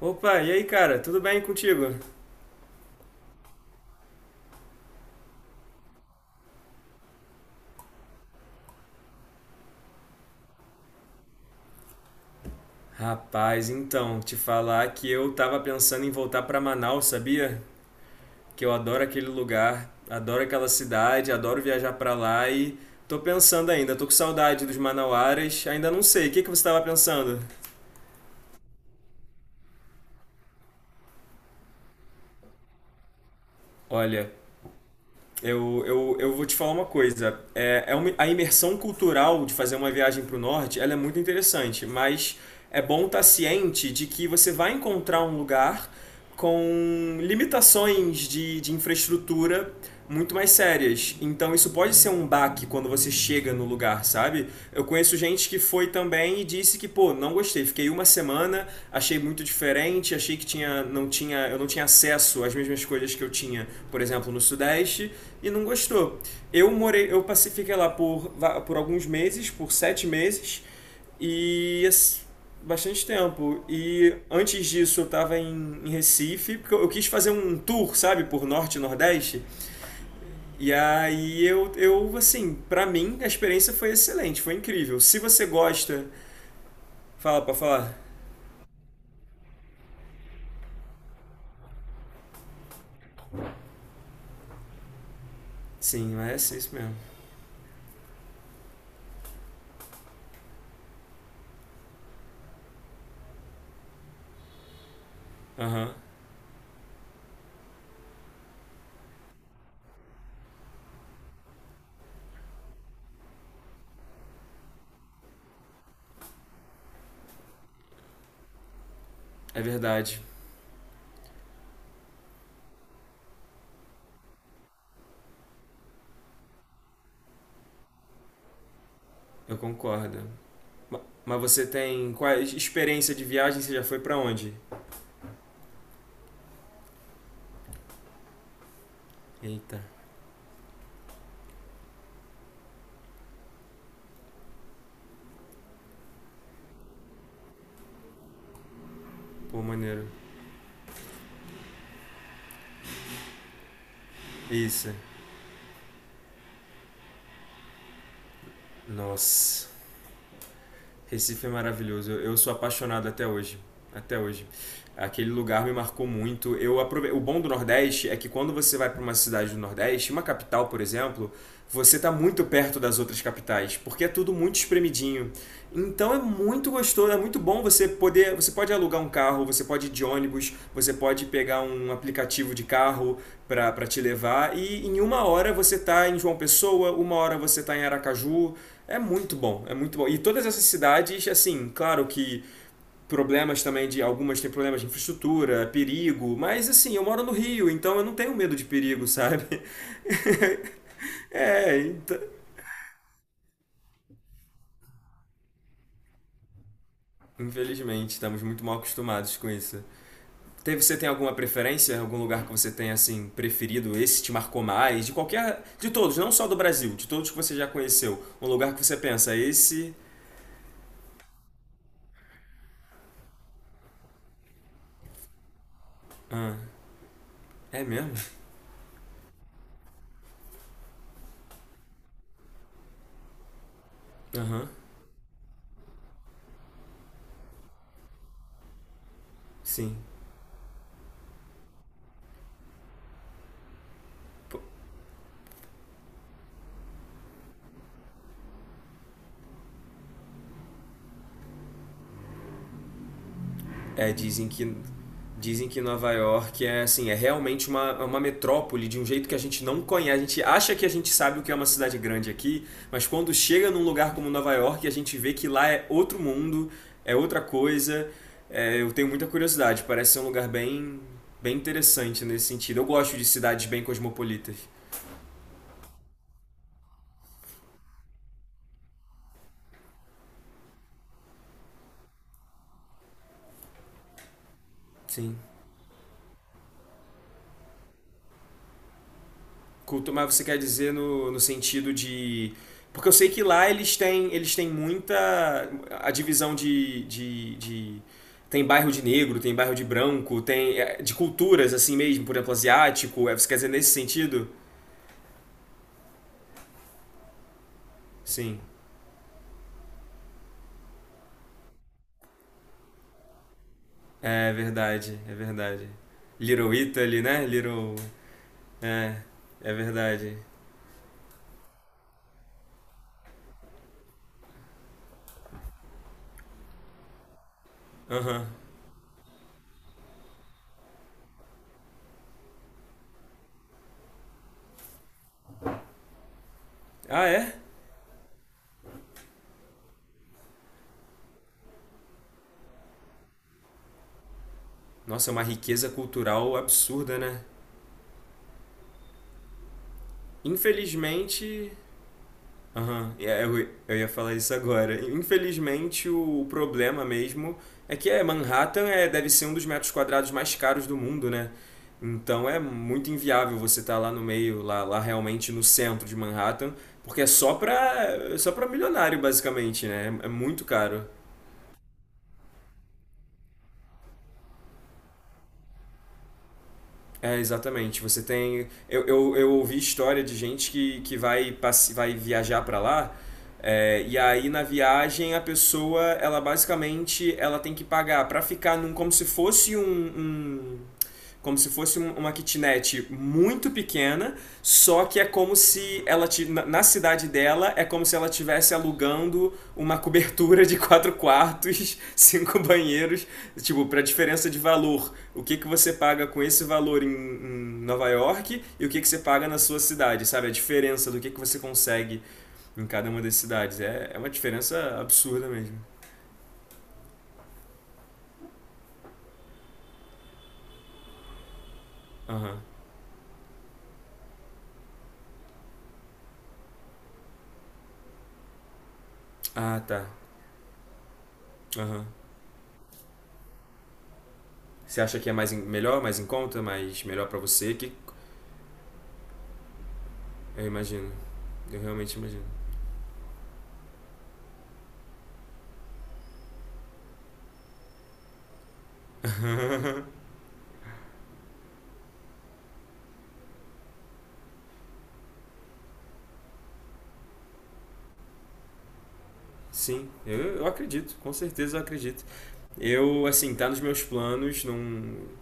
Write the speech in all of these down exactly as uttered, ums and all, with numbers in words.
Opa, e aí, cara? Tudo bem contigo? Rapaz, então, te falar que eu tava pensando em voltar pra Manaus, sabia? Que eu adoro aquele lugar, adoro aquela cidade, adoro viajar pra lá e tô pensando ainda, tô com saudade dos manauaras, ainda não sei. O que que você tava pensando? Olha, Eu, eu, eu vou te falar uma coisa. É, é uma- a imersão cultural de fazer uma viagem para o norte, ela é muito interessante, mas é bom estar ciente de que você vai encontrar um lugar com limitações de, de infraestrutura muito mais sérias. Então isso pode ser um baque quando você chega no lugar, sabe? Eu conheço gente que foi também e disse que, pô, não gostei. Fiquei uma semana, achei muito diferente, achei que tinha, não tinha, eu não tinha acesso às mesmas coisas que eu tinha, por exemplo, no Sudeste, e não gostou. Eu morei, eu passei, fiquei lá por, por alguns meses, por sete meses, e bastante tempo. E antes disso eu tava em, em Recife, porque eu, eu quis fazer um tour, sabe, por Norte e Nordeste. E aí eu, eu assim, pra mim a experiência foi excelente, foi incrível. Se você gosta, fala pra falar. Sim, mas é isso mesmo. Aham, é verdade. Eu concordo. Ma- Mas você tem qual é, experiência de viagem? Você já foi pra onde? Eita, pô, maneiro. Isso. Nossa. Recife é maravilhoso. Eu, eu sou apaixonado até hoje. Até hoje. Aquele lugar me marcou muito. Eu aprove... O bom do Nordeste é que quando você vai para uma cidade do Nordeste, uma capital, por exemplo, você está muito perto das outras capitais, porque é tudo muito espremidinho. Então é muito gostoso, é muito bom você poder, você pode alugar um carro, você pode ir de ônibus, você pode pegar um aplicativo de carro, para te levar. E em uma hora você tá em João Pessoa, uma hora você tá em Aracaju. É muito bom, é muito bom. E todas essas cidades, assim, claro que problemas também de algumas têm problemas de infraestrutura, perigo, mas assim, eu moro no Rio, então eu não tenho medo de perigo, sabe? é, então, infelizmente, estamos muito mal acostumados com isso. Teve, você tem alguma preferência, algum lugar que você tenha assim preferido, esse te marcou mais, de qualquer, de todos, não só do Brasil, de todos que você já conheceu, um lugar que você pensa, esse, ah, é mesmo? Aham. Sim. É, dizem que dizem que Nova York é assim, é realmente uma, uma metrópole de um jeito que a gente não conhece. A gente acha que a gente sabe o que é uma cidade grande aqui, mas quando chega num lugar como Nova York, a gente vê que lá é outro mundo, é outra coisa. É, eu tenho muita curiosidade, parece ser um lugar bem bem interessante nesse sentido. Eu gosto de cidades bem cosmopolitas. Sim. Culto, mas você quer dizer no, no sentido de. Porque eu sei que lá eles têm, eles têm muita. A divisão de, de, de- Tem bairro de negro, tem bairro de branco, tem. É, de culturas, assim mesmo, por exemplo, asiático. É, você quer dizer nesse sentido? Sim. É verdade, é verdade. Little Italy, né? Little. É, é verdade. Aham. Ah, é? Nossa, é uma riqueza cultural absurda, né? Infelizmente, aham, e é, eu, eu ia falar isso agora. Infelizmente, o problema mesmo é que é, Manhattan é, deve ser um dos metros quadrados mais caros do mundo, né? Então é muito inviável você estar lá no meio, lá, lá realmente no centro de Manhattan, porque é só pra, é só pra milionário, basicamente, né? É é muito caro. É, exatamente. Você tem. Eu, eu, eu ouvi história de gente que, que vai, passe... vai viajar para lá. É, e aí na viagem a pessoa ela basicamente ela tem que pagar para ficar num como se fosse um, um- como se fosse um- uma kitnet muito pequena só que é como se ela ti- na, na cidade dela é como se ela estivesse alugando uma cobertura de quatro quartos cinco banheiros tipo para diferença de valor o que, que você paga com esse valor em, em Nova York e o que, que você paga na sua cidade, sabe? A diferença do que, que você consegue em cada uma das cidades. É, é uma diferença absurda mesmo. Aham. Ah, tá. Aham. Você acha que é mais em- melhor, mais em conta, mais melhor pra você? Que eu imagino. Eu realmente imagino. Sim, eu, eu acredito, com certeza eu acredito. Eu, assim, tá nos meus planos, não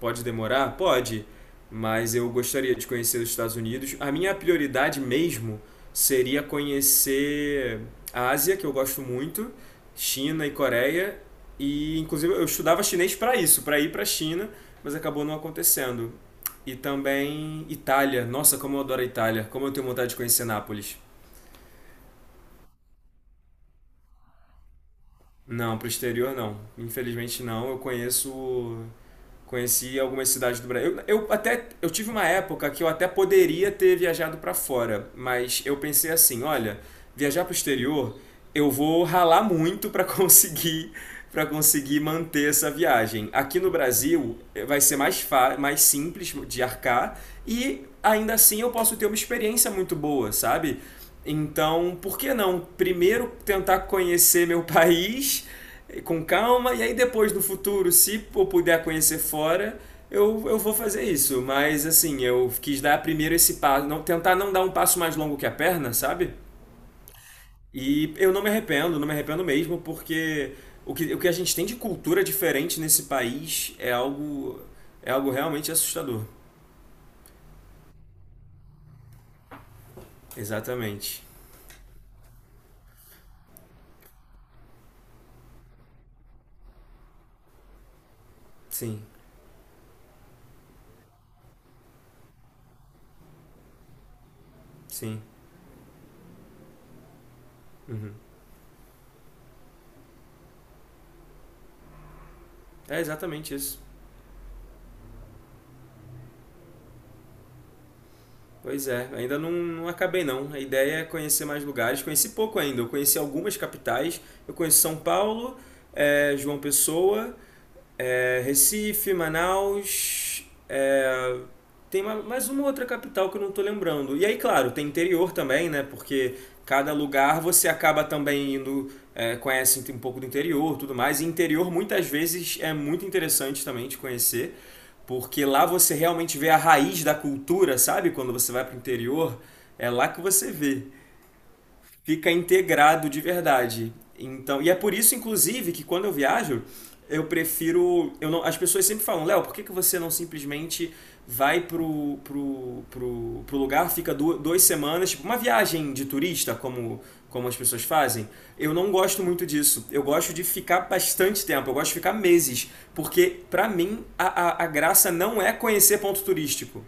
pode demorar? Pode, mas eu gostaria de conhecer os Estados Unidos. A minha prioridade mesmo seria conhecer a Ásia, que eu gosto muito, China e Coreia, e inclusive eu estudava chinês para isso, para ir para a China, mas acabou não acontecendo. E também Itália. Nossa, como eu adoro a Itália. Como eu tenho vontade de conhecer Nápoles. Não, pro exterior não. Infelizmente não. Eu conheço. Conheci algumas cidades do Brasil. Eu, eu até eu tive uma época que eu até poderia ter viajado para fora, mas eu pensei assim, olha, viajar para o exterior, eu vou ralar muito para conseguir para conseguir manter essa viagem. Aqui no Brasil eh, vai ser mais, fa- mais simples de arcar e ainda assim eu posso ter uma experiência muito boa, sabe? Então, por que não primeiro tentar conhecer meu país com calma, e aí depois no futuro, se eu puder conhecer fora, eu, eu vou fazer isso. Mas assim, eu quis dar primeiro esse passo, não, tentar não dar um passo mais longo que a perna, sabe? E eu não me arrependo, não me arrependo mesmo, porque o que, o que a gente tem de cultura diferente nesse país é algo, é algo realmente assustador. Exatamente. Sim, sim. É exatamente isso. Pois é, ainda não, não acabei não. A ideia é conhecer mais lugares. Conheci pouco ainda. Eu conheci algumas capitais. Eu conheço São Paulo, eh, João Pessoa é, Recife, Manaus, é, tem ma- mais uma outra capital que eu não estou lembrando. E aí, claro, tem interior também, né? Porque cada lugar você acaba também indo, é, conhece um pouco do interior, tudo mais. E interior muitas vezes é muito interessante também de conhecer, porque lá você realmente vê a raiz da cultura, sabe? Quando você vai para o interior, é lá que você vê fica integrado de verdade. Então, e é por isso, inclusive, que quando eu viajo, eu prefiro. Eu não, as pessoas sempre falam, Léo, por que, que você não simplesmente vai pro, pro, pro, pro lugar, fica du- duas semanas, tipo uma viagem de turista, como, como as pessoas fazem? Eu não gosto muito disso. Eu gosto de ficar bastante tempo, eu gosto de ficar meses. Porque, pra mim, a, a, a graça não é conhecer ponto turístico.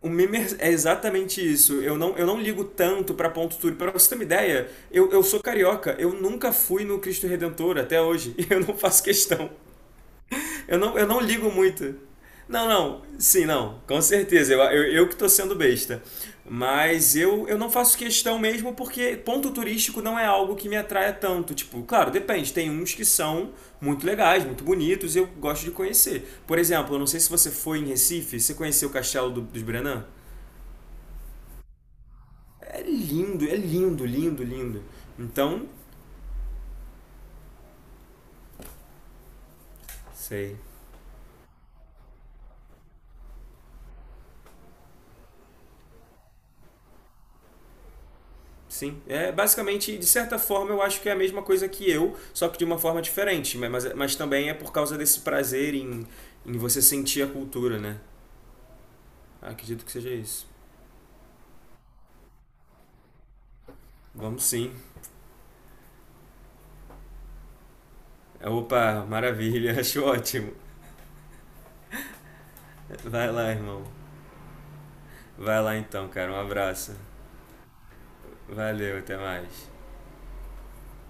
O Mimer é exatamente isso. Eu não, eu não ligo tanto para ponto turístico. Para você ter uma ideia, eu, eu sou carioca. Eu nunca fui no Cristo Redentor até hoje. E eu não faço questão. Eu não, eu não ligo muito. Não, não. Sim, não. Com certeza. Eu, eu, eu que tô sendo besta. Mas eu, eu não faço questão mesmo porque ponto turístico não é algo que me atraia tanto. Tipo, claro, depende. Tem uns que são muito legais, muito bonitos e eu gosto de conhecer. Por exemplo, eu não sei se você foi em Recife. Você conheceu o Castelo do- dos Brenan? É lindo, é lindo, lindo, lindo. Então, sei. Sim, é basicamente, de certa forma, eu acho que é a mesma coisa que eu, só que de uma forma diferente. Mas, mas também é por causa desse prazer em, em você sentir a cultura, né? Acredito que seja isso. Vamos sim. Opa, maravilha, acho ótimo. Vai lá, irmão. Vai lá então, cara. Um abraço. Valeu, até mais.